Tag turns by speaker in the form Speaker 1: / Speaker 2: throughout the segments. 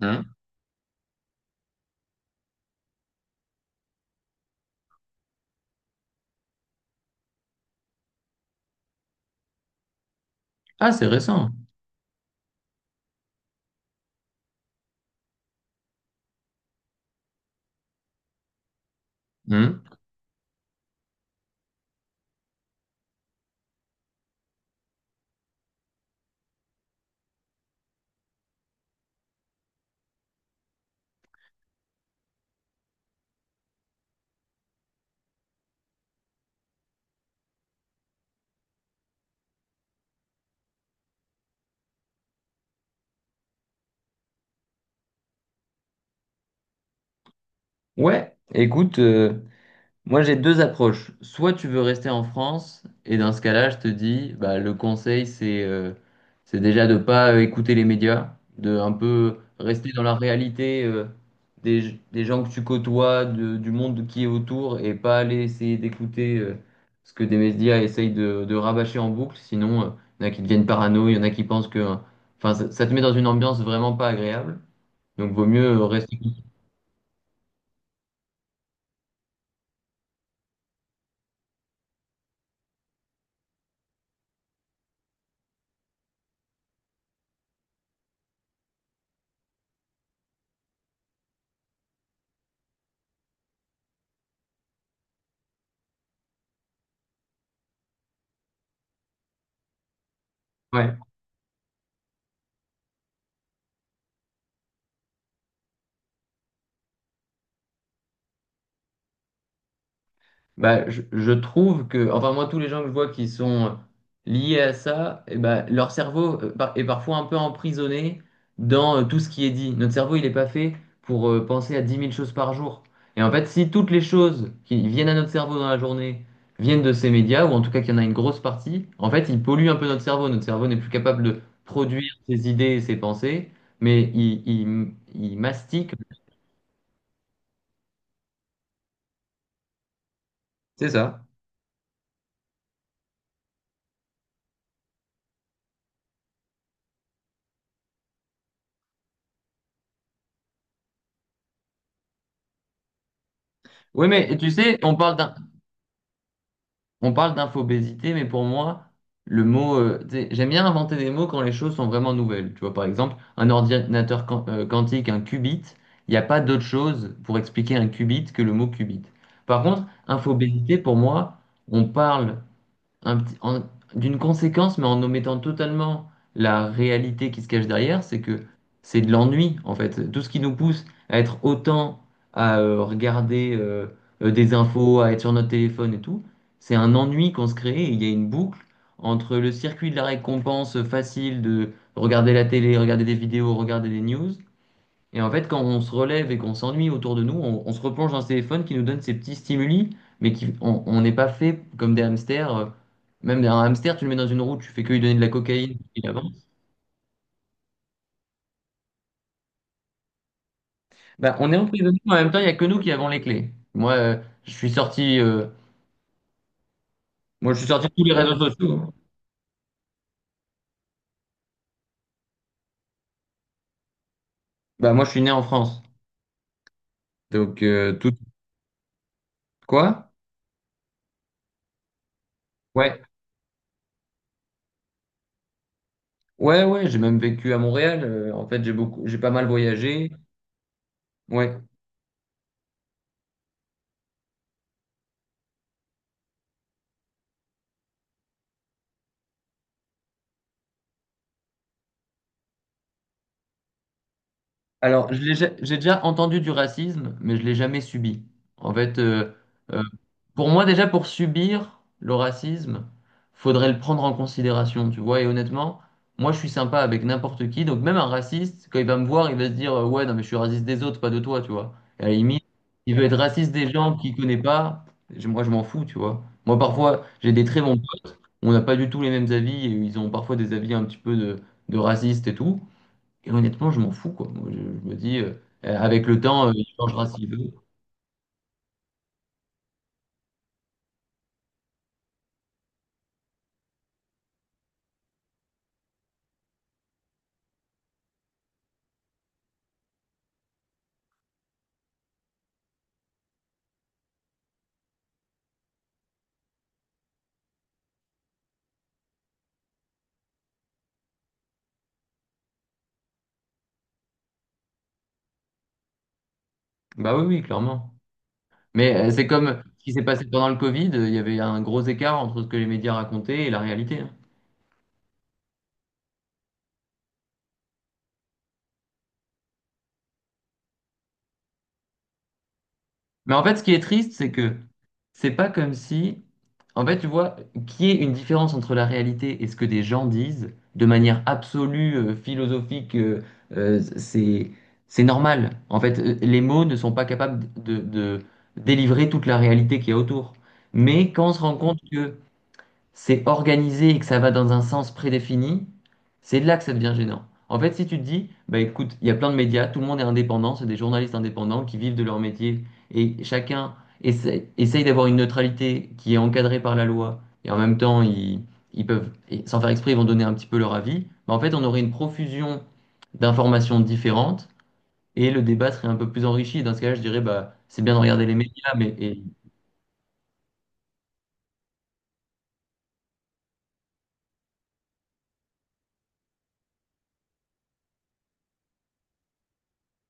Speaker 1: Hmm. Ah, c'est récent. Hmm. Ouais, écoute, moi j'ai deux approches. Soit tu veux rester en France, et dans ce cas-là, je te dis, bah, le conseil, c'est c'est déjà de pas écouter les médias, de un peu rester dans la réalité, des gens que tu côtoies, du monde qui est autour, et pas aller essayer d'écouter ce que des médias essayent de rabâcher en boucle. Sinon, il y en a qui deviennent parano, il y en a qui pensent que Enfin, ça te met dans une ambiance vraiment pas agréable. Donc, vaut mieux rester. Ouais, bah, je trouve que, enfin moi, tous les gens que je vois qui sont liés à ça, eh ben, leur cerveau est parfois un peu emprisonné dans tout ce qui est dit. Notre cerveau, il n'est pas fait pour penser à 10 000 choses par jour. Et en fait, si toutes les choses qui viennent à notre cerveau dans la journée viennent de ces médias, ou en tout cas qu'il y en a une grosse partie, en fait, ils polluent un peu notre cerveau. Notre cerveau n'est plus capable de produire ses idées et ses pensées, mais il mastique. C'est ça. Oui, mais tu sais, On parle d'infobésité, mais pour moi, tu sais, j'aime bien inventer des mots quand les choses sont vraiment nouvelles. Tu vois, par exemple, un ordinateur quantique, un qubit, il n'y a pas d'autre chose pour expliquer un qubit que le mot qubit. Par contre, infobésité, pour moi, on parle un petit- en- d'une conséquence, mais en omettant totalement la réalité qui se cache derrière, c'est que c'est de l'ennui, en fait. Tout ce qui nous pousse à être autant à regarder des infos, à être sur notre téléphone et tout, c'est un ennui qu'on se crée. Il y a une boucle entre le circuit de la récompense facile de regarder la télé, regarder des vidéos, regarder des news, et en fait, quand on se relève et qu'on s'ennuie autour de nous, on se replonge dans ce téléphone qui nous donne ces petits stimuli, mais qui, on n'est pas fait comme des hamsters. Même un hamster, tu le mets dans une roue, tu fais que lui donner de la cocaïne, il avance. Bah, on est emprisonné, mais en même temps, il n'y a que nous qui avons les clés. Moi, je suis sorti, euh, moi, je suis sorti de tous les réseaux sociaux. Hein. Bah, moi, je suis né en France. Donc, tout. Quoi? Ouais. Ouais, ouais, j'ai même vécu à Montréal. En fait, j'ai beaucoup, j'ai pas mal voyagé. Ouais. Alors, j'ai déjà entendu du racisme, mais je l'ai jamais subi. En fait, euh, pour moi, déjà, pour subir le racisme, faudrait le prendre en considération, tu vois. Et honnêtement, moi, je suis sympa avec n'importe qui. Donc, même un raciste, quand il va me voir, il va se dire, ouais, non, mais je suis raciste des autres, pas de toi, tu vois. Et à la limite, il veut être raciste des gens qu'il connaît pas. Moi, je m'en fous, tu vois. Moi, parfois, j'ai des très bons potes, on n'a pas du tout les mêmes avis, et ils ont parfois des avis un petit peu de racistes et tout. Et honnêtement, je m'en fous, quoi. Moi, je me dis, avec le temps, il changera s'il veut. Bah oui, oui, clairement. Mais c'est comme ce qui s'est passé pendant le Covid, il y avait un gros écart entre ce que les médias racontaient et la réalité. Hein. Mais en fait, ce qui est triste, c'est que c'est pas comme si, en fait, tu vois, qu'il y ait une différence entre la réalité et ce que des gens disent de manière absolue, philosophique, euh, c'est c'est normal. En fait, les mots ne sont pas capables de délivrer toute la réalité qu'il y a autour. Mais quand on se rend compte que c'est organisé et que ça va dans un sens prédéfini, c'est là que ça devient gênant. En fait, si tu te dis, bah écoute, il y a plein de médias, tout le monde est indépendant, c'est des journalistes indépendants qui vivent de leur métier et chacun essaye, d'avoir une neutralité qui est encadrée par la loi et en même temps, ils peuvent, et sans faire exprès, ils vont donner un petit peu leur avis. Bah, en fait, on aurait une profusion d'informations différentes et le débat serait un peu plus enrichi. Dans ce cas-là, je dirais, bah c'est bien de regarder les médias, mais.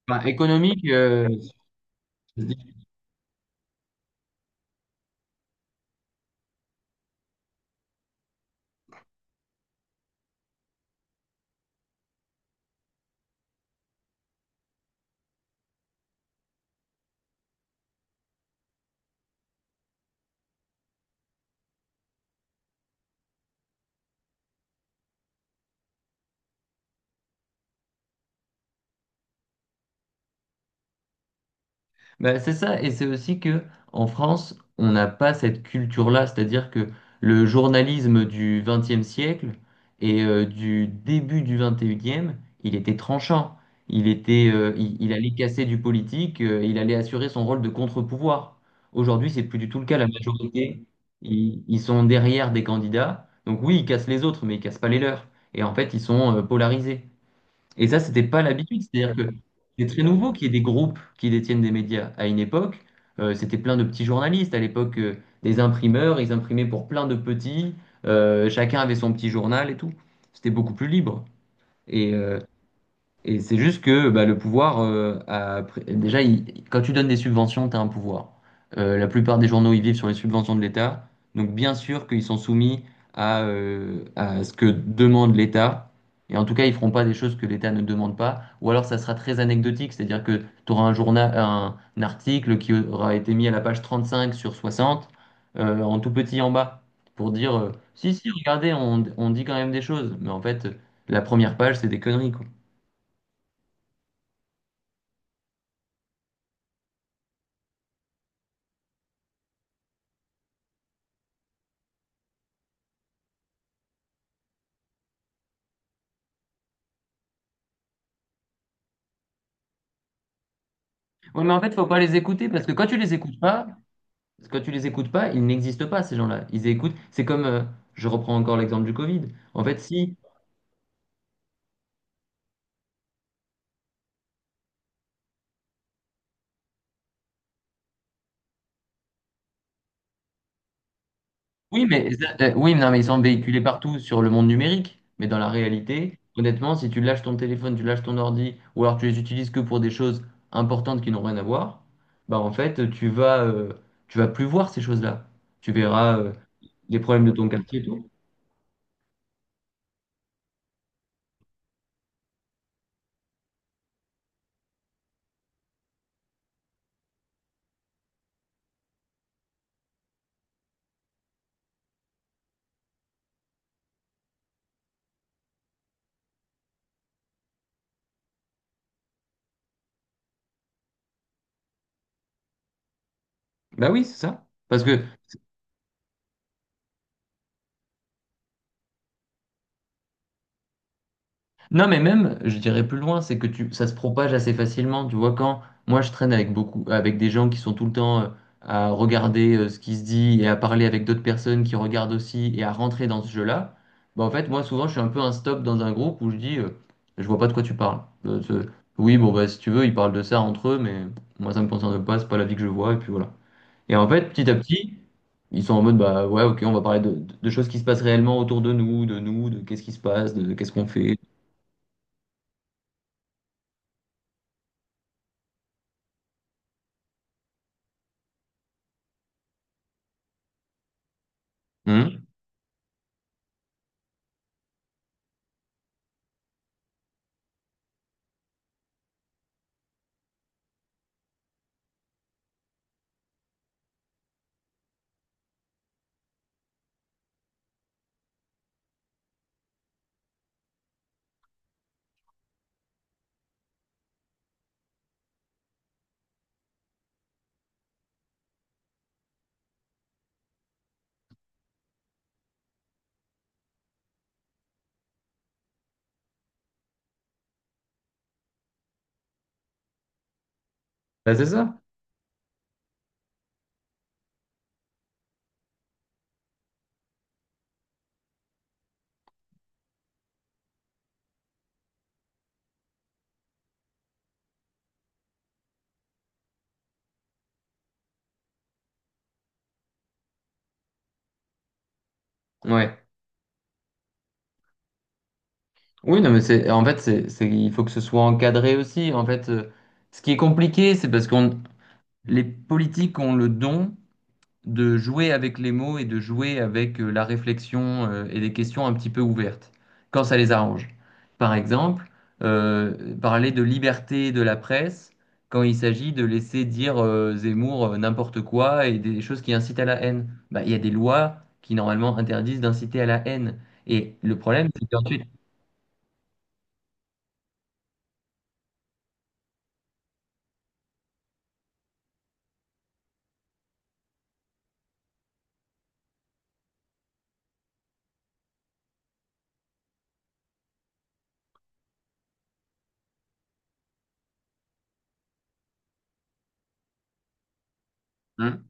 Speaker 1: Enfin, économique. Bah, c'est ça, et c'est aussi que en France, on n'a pas cette culture-là, c'est-à-dire que le journalisme du XXe siècle et du début du XXIe, il était tranchant, il était, il allait casser du politique, il allait assurer son rôle de contre-pouvoir. Aujourd'hui, c'est plus du tout le cas. La majorité, ils sont derrière des candidats, donc oui, ils cassent les autres, mais ils cassent pas les leurs. Et en fait, ils sont polarisés. Et ça, c'était pas l'habitude. C'est-à-dire que c'est très nouveau qu'il y ait des groupes qui détiennent des médias. À une époque, c'était plein de petits journalistes. À l'époque, des imprimeurs, ils imprimaient pour plein de petits. Chacun avait son petit journal et tout. C'était beaucoup plus libre. Et, euh, et c'est juste que bah, le pouvoir, a pr- déjà, il- quand tu donnes des subventions, tu as un pouvoir. La plupart des journaux, ils vivent sur les subventions de l'État. Donc, bien sûr qu'ils sont soumis à ce que demande l'État. Et en tout cas, ils feront pas des choses que l'État ne demande pas. Ou alors, ça sera très anecdotique, c'est-à-dire que tu auras un journal, un article qui aura été mis à la page 35 sur 60, en tout petit en bas, pour dire, si, si, regardez, on dit quand même des choses. Mais en fait, la première page, c'est des conneries, quoi. Oui, mais en fait, faut pas les écouter parce que quand tu les écoutes pas, quand tu les écoutes pas, ils n'existent pas, ces gens-là. Ils écoutent. C'est comme, je reprends encore l'exemple du Covid. En fait, si. Oui, mais, oui, mais non, mais ils sont véhiculés partout sur le monde numérique. Mais dans la réalité, honnêtement, si tu lâches ton téléphone, tu lâches ton ordi, ou alors tu les utilises que pour des choses importantes qui n'ont rien à voir, bah en fait, tu vas plus voir ces choses-là. Tu verras, les problèmes de ton quartier et tout. Bah oui, c'est ça. Parce que Non, mais même, je dirais plus loin, c'est que tu, ça se propage assez facilement. Tu vois, quand moi je traîne avec beaucoup, avec des gens qui sont tout le temps à regarder ce qui se dit et à parler avec d'autres personnes qui regardent aussi et à rentrer dans ce jeu-là, bah en fait, moi souvent je suis un peu un stop dans un groupe où je dis, je vois pas de quoi tu parles. Euh, ce- oui, bon, bah si tu veux, ils parlent de ça entre eux, mais moi ça me concerne pas, c'est pas la vie que je vois, et puis voilà. Et en fait, petit à petit, ils sont en mode, bah ouais, ok, on va parler de choses qui se passent réellement autour de nous, de nous, de qu'est-ce qui se passe, de, qu'est-ce qu'on fait. Hmm. Bah, c'est ça. Ouais. Oui, non, mais c'est en fait, c'est il faut que ce soit encadré aussi. En fait, ce qui est compliqué, c'est parce qu'on les politiques ont le don de jouer avec les mots et de jouer avec la réflexion et des questions un petit peu ouvertes, quand ça les arrange. Par exemple, parler de liberté de la presse quand il s'agit de laisser dire Zemmour n'importe quoi et des choses qui incitent à la haine. Bah, il y a des lois qui normalement interdisent d'inciter à la haine. Et le problème, c'est qu'ensuite... Hein.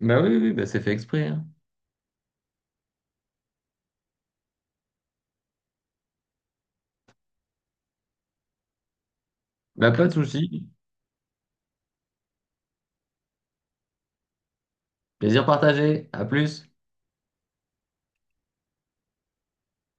Speaker 1: Bah oui, oui, bah c'est fait exprès. Hein. Bah pas de souci. Plaisir partagé. À plus.